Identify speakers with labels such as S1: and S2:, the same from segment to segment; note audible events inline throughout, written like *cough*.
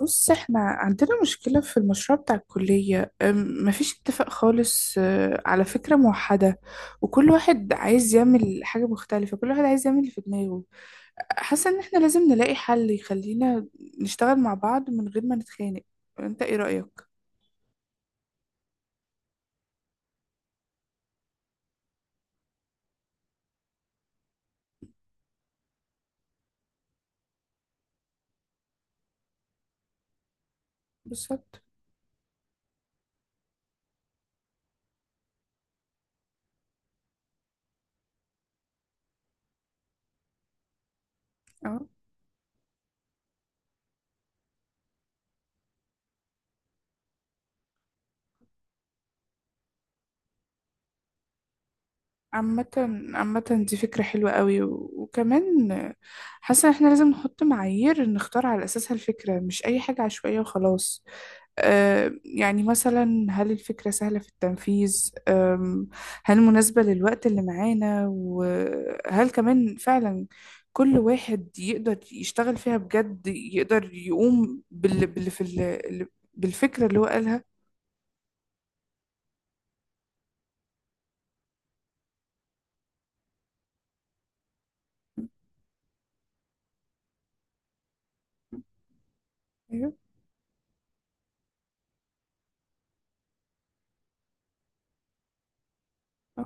S1: بص، احنا عندنا مشكلة في المشروع بتاع الكلية. مفيش اتفاق خالص على فكرة موحدة، وكل واحد عايز يعمل حاجة مختلفة، كل واحد عايز يعمل اللي في دماغه. حاسة ان احنا لازم نلاقي حل يخلينا نشتغل مع بعض من غير ما نتخانق. انت ايه رأيك؟ بالظبط. اه. عامة، عامة، دي فكرة حلوة قوي، وكمان حاسة ان احنا لازم نحط معايير نختار على اساسها الفكرة، مش اي حاجة عشوائية وخلاص. يعني مثلا هل الفكرة سهلة في التنفيذ؟ هل مناسبة للوقت اللي معانا؟ وهل كمان فعلا كل واحد يقدر يشتغل فيها بجد، يقدر يقوم بالفكرة اللي هو قالها. أيوه. آه.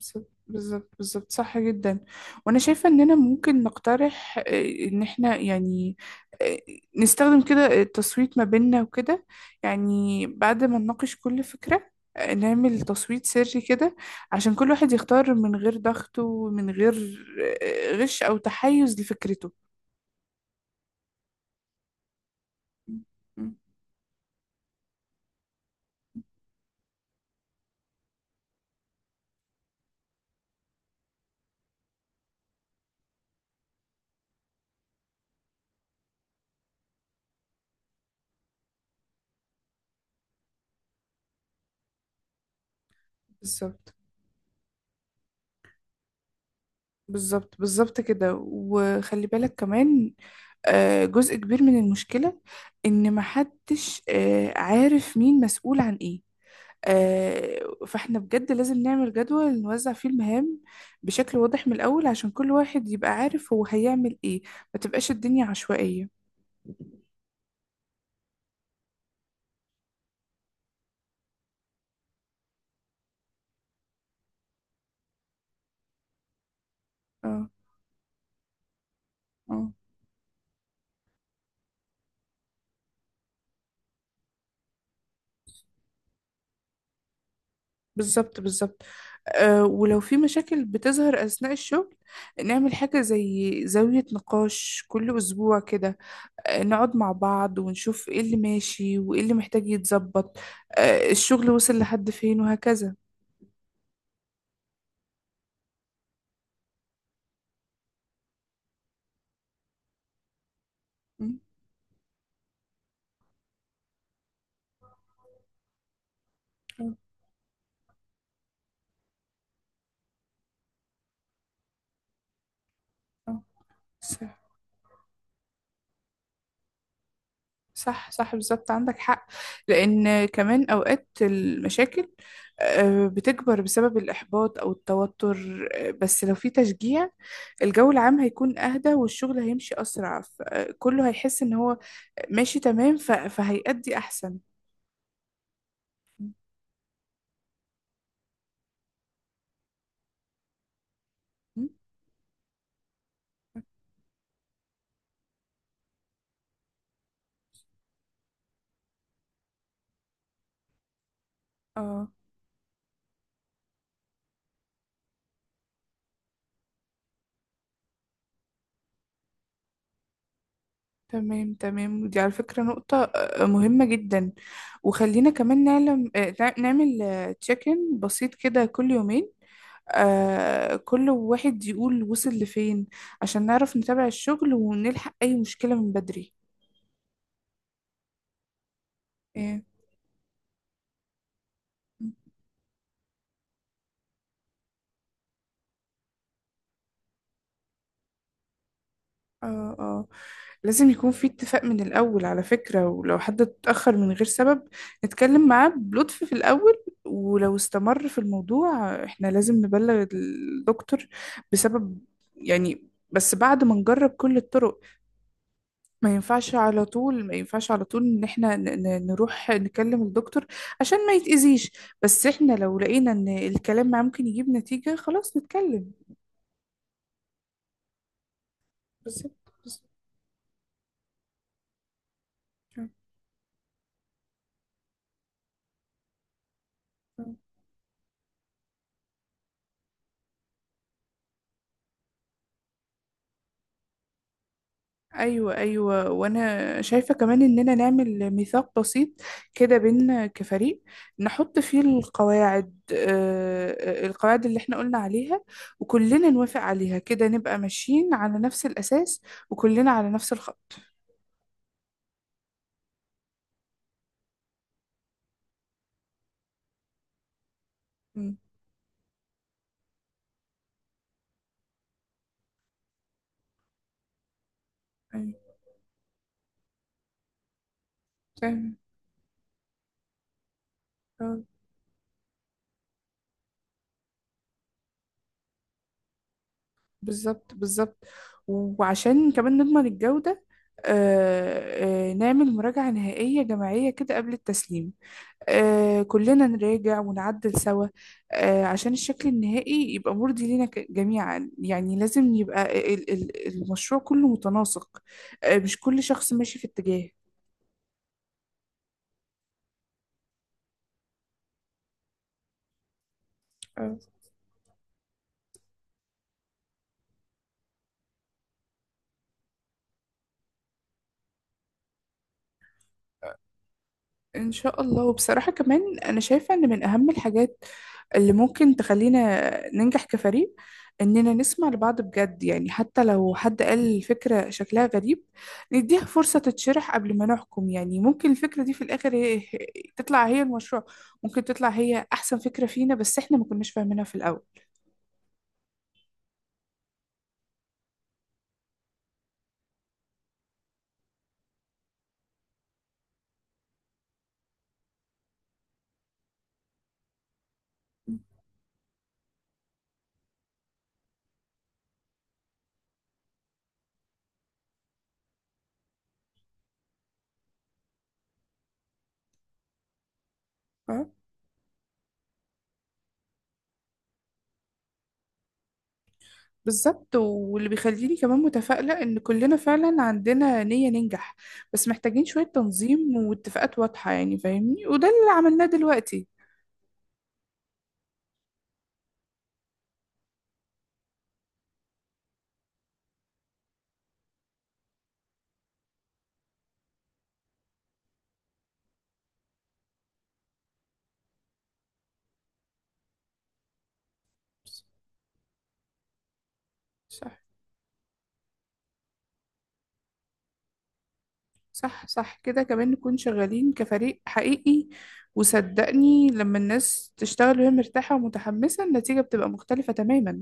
S1: بالظبط، بالظبط، بالظبط، صح جدا. وانا شايفة اننا ممكن نقترح، ان احنا يعني آه، نستخدم كده التصويت ما بيننا وكده. يعني بعد ما نناقش كل فكرة، نعمل تصويت سري كده عشان كل واحد يختار من غير ضغط ومن غير غش او تحيز لفكرته. م- م. بالظبط، بالظبط، بالظبط كده. وخلي بالك كمان، جزء كبير من المشكلة إن محدش عارف مين مسؤول عن إيه. آه، فإحنا بجد لازم نعمل جدول نوزع فيه المهام بشكل واضح من الأول، عشان كل واحد يبقى عارف هو هيعمل إيه، ما تبقاش الدنيا عشوائية. اه، اه. بالظبط، بالظبط. ولو في مشاكل بتظهر أثناء الشغل، نعمل حاجة زي زاوية نقاش كل أسبوع كده، نقعد مع بعض ونشوف ايه اللي ماشي وايه اللي محتاج يتظبط، الشغل وصل لحد فين وهكذا. م- م- م- صح، صح، صح، بالظبط، عندك حق. لأن كمان أوقات المشاكل بتكبر بسبب الإحباط أو التوتر، بس لو في تشجيع الجو العام هيكون أهدى والشغل هيمشي أسرع. كله هيحس إن هو ماشي تمام، فهيأدي أحسن. م- م- اه، تمام، تمام. ودي على فكرة نقطة مهمة جدا. وخلينا كمان نعلم، نعمل تشيك ان بسيط كده كل يومين، كل واحد يقول وصل لفين عشان نعرف نتابع الشغل ونلحق أي مشكلة من بدري. إيه. اه، اه. لازم يكون في اتفاق من الأول على فكرة. ولو حد اتأخر من غير سبب، نتكلم معاه بلطف في الأول. ولو استمر في الموضوع، احنا لازم نبلغ الدكتور بسبب، يعني بس بعد ما نجرب كل الطرق. ما ينفعش على طول، ما ينفعش على طول ان احنا نروح نكلم الدكتور عشان ما يتأذيش. بس احنا لو لقينا ان الكلام معاه ممكن يجيب نتيجة، خلاص نتكلم. بالظبط، بالظبط. ايوه، ايوه. وانا شايفه كمان اننا نعمل ميثاق بسيط كده بينا كفريق، نحط فيه القواعد اللي احنا قلنا عليها، وكلنا نوافق عليها، كده نبقى ماشيين على نفس الاساس، وكلنا على نفس الخط. مم. أيوة. فاهم. آه، بالظبط، بالظبط. وعشان كمان نضمن الجوده، نعمل مراجعه نهائيه جماعيه كده قبل التسليم، كلنا نراجع ونعدل سوا، عشان الشكل النهائي يبقى مرضي لينا جميعا. يعني لازم يبقى المشروع كله متناسق، مش كل شخص ماشي في اتجاه. آه. إن شاء الله. وبصراحة كمان أنا شايفة إن من أهم الحاجات اللي ممكن تخلينا ننجح كفريق إننا نسمع لبعض بجد، يعني حتى لو حد قال الفكرة شكلها غريب، نديها فرصة تتشرح قبل ما نحكم. يعني ممكن الفكرة دي في الآخر هي تطلع هي المشروع، ممكن تطلع هي أحسن فكرة فينا بس إحنا ما كناش فاهمينها في الأول. اه. بالظبط. واللي بيخليني كمان متفائلة إن كلنا فعلا عندنا نية ننجح، بس محتاجين شوية تنظيم واتفاقات واضحة يعني فاهمني، وده اللي عملناه دلوقتي. صح، صح، صح. كده كمان نكون شغالين كفريق حقيقي، وصدقني لما الناس تشتغل وهي مرتاحة ومتحمسة النتيجة بتبقى مختلفة تماما.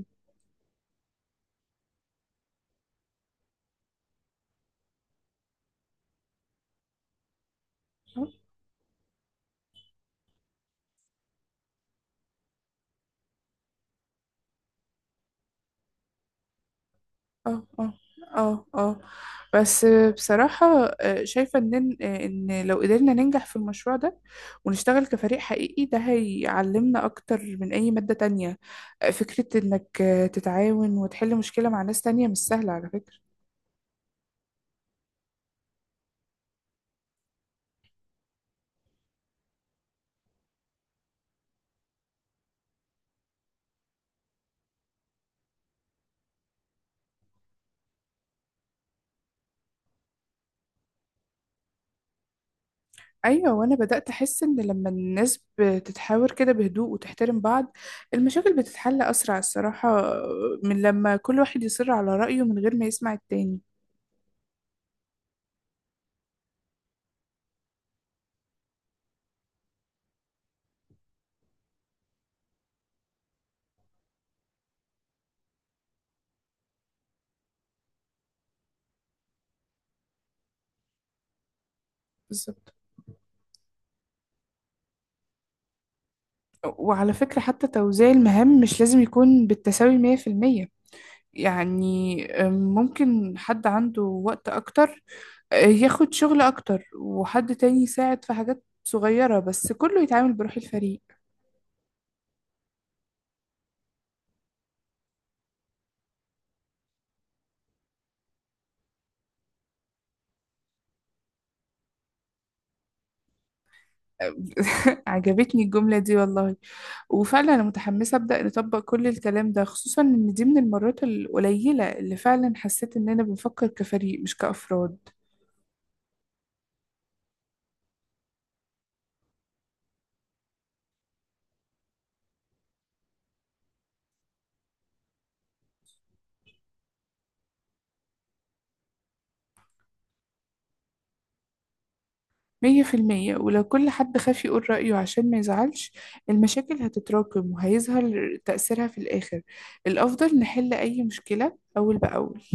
S1: اه، اه، اه، اه، اه. بس بصراحة، شايفة ان لو قدرنا ننجح في المشروع ده ونشتغل كفريق حقيقي، ده هيعلمنا اكتر من اي مادة تانية. فكرة انك تتعاون وتحل مشكلة مع ناس تانية مش سهلة على فكرة. ايوه. وانا بدات احس ان لما الناس بتتحاور كده بهدوء وتحترم بعض، المشاكل بتتحل اسرع الصراحه، من لما كل واحد يصر على رايه من غير ما يسمع التاني. بالظبط. وعلى فكره حتى توزيع المهام مش لازم يكون بالتساوي 100%. يعني ممكن حد عنده وقت اكتر ياخد شغل اكتر، وحد تاني يساعد في حاجات صغيره، بس كله يتعامل بروح الفريق. *laughs* عجبتني الجملة دي والله. وفعلا أنا متحمسة أبدأ نطبق كل الكلام ده، خصوصا إن دي من المرات القليلة اللي فعلا حسيت إننا بنفكر كفريق مش كأفراد. 100%. ولو كل حد خاف يقول رأيه عشان ما يزعلش، المشاكل هتتراكم وهيظهر تأثيرها في الآخر. الأفضل نحل أي مشكلة أول بأول.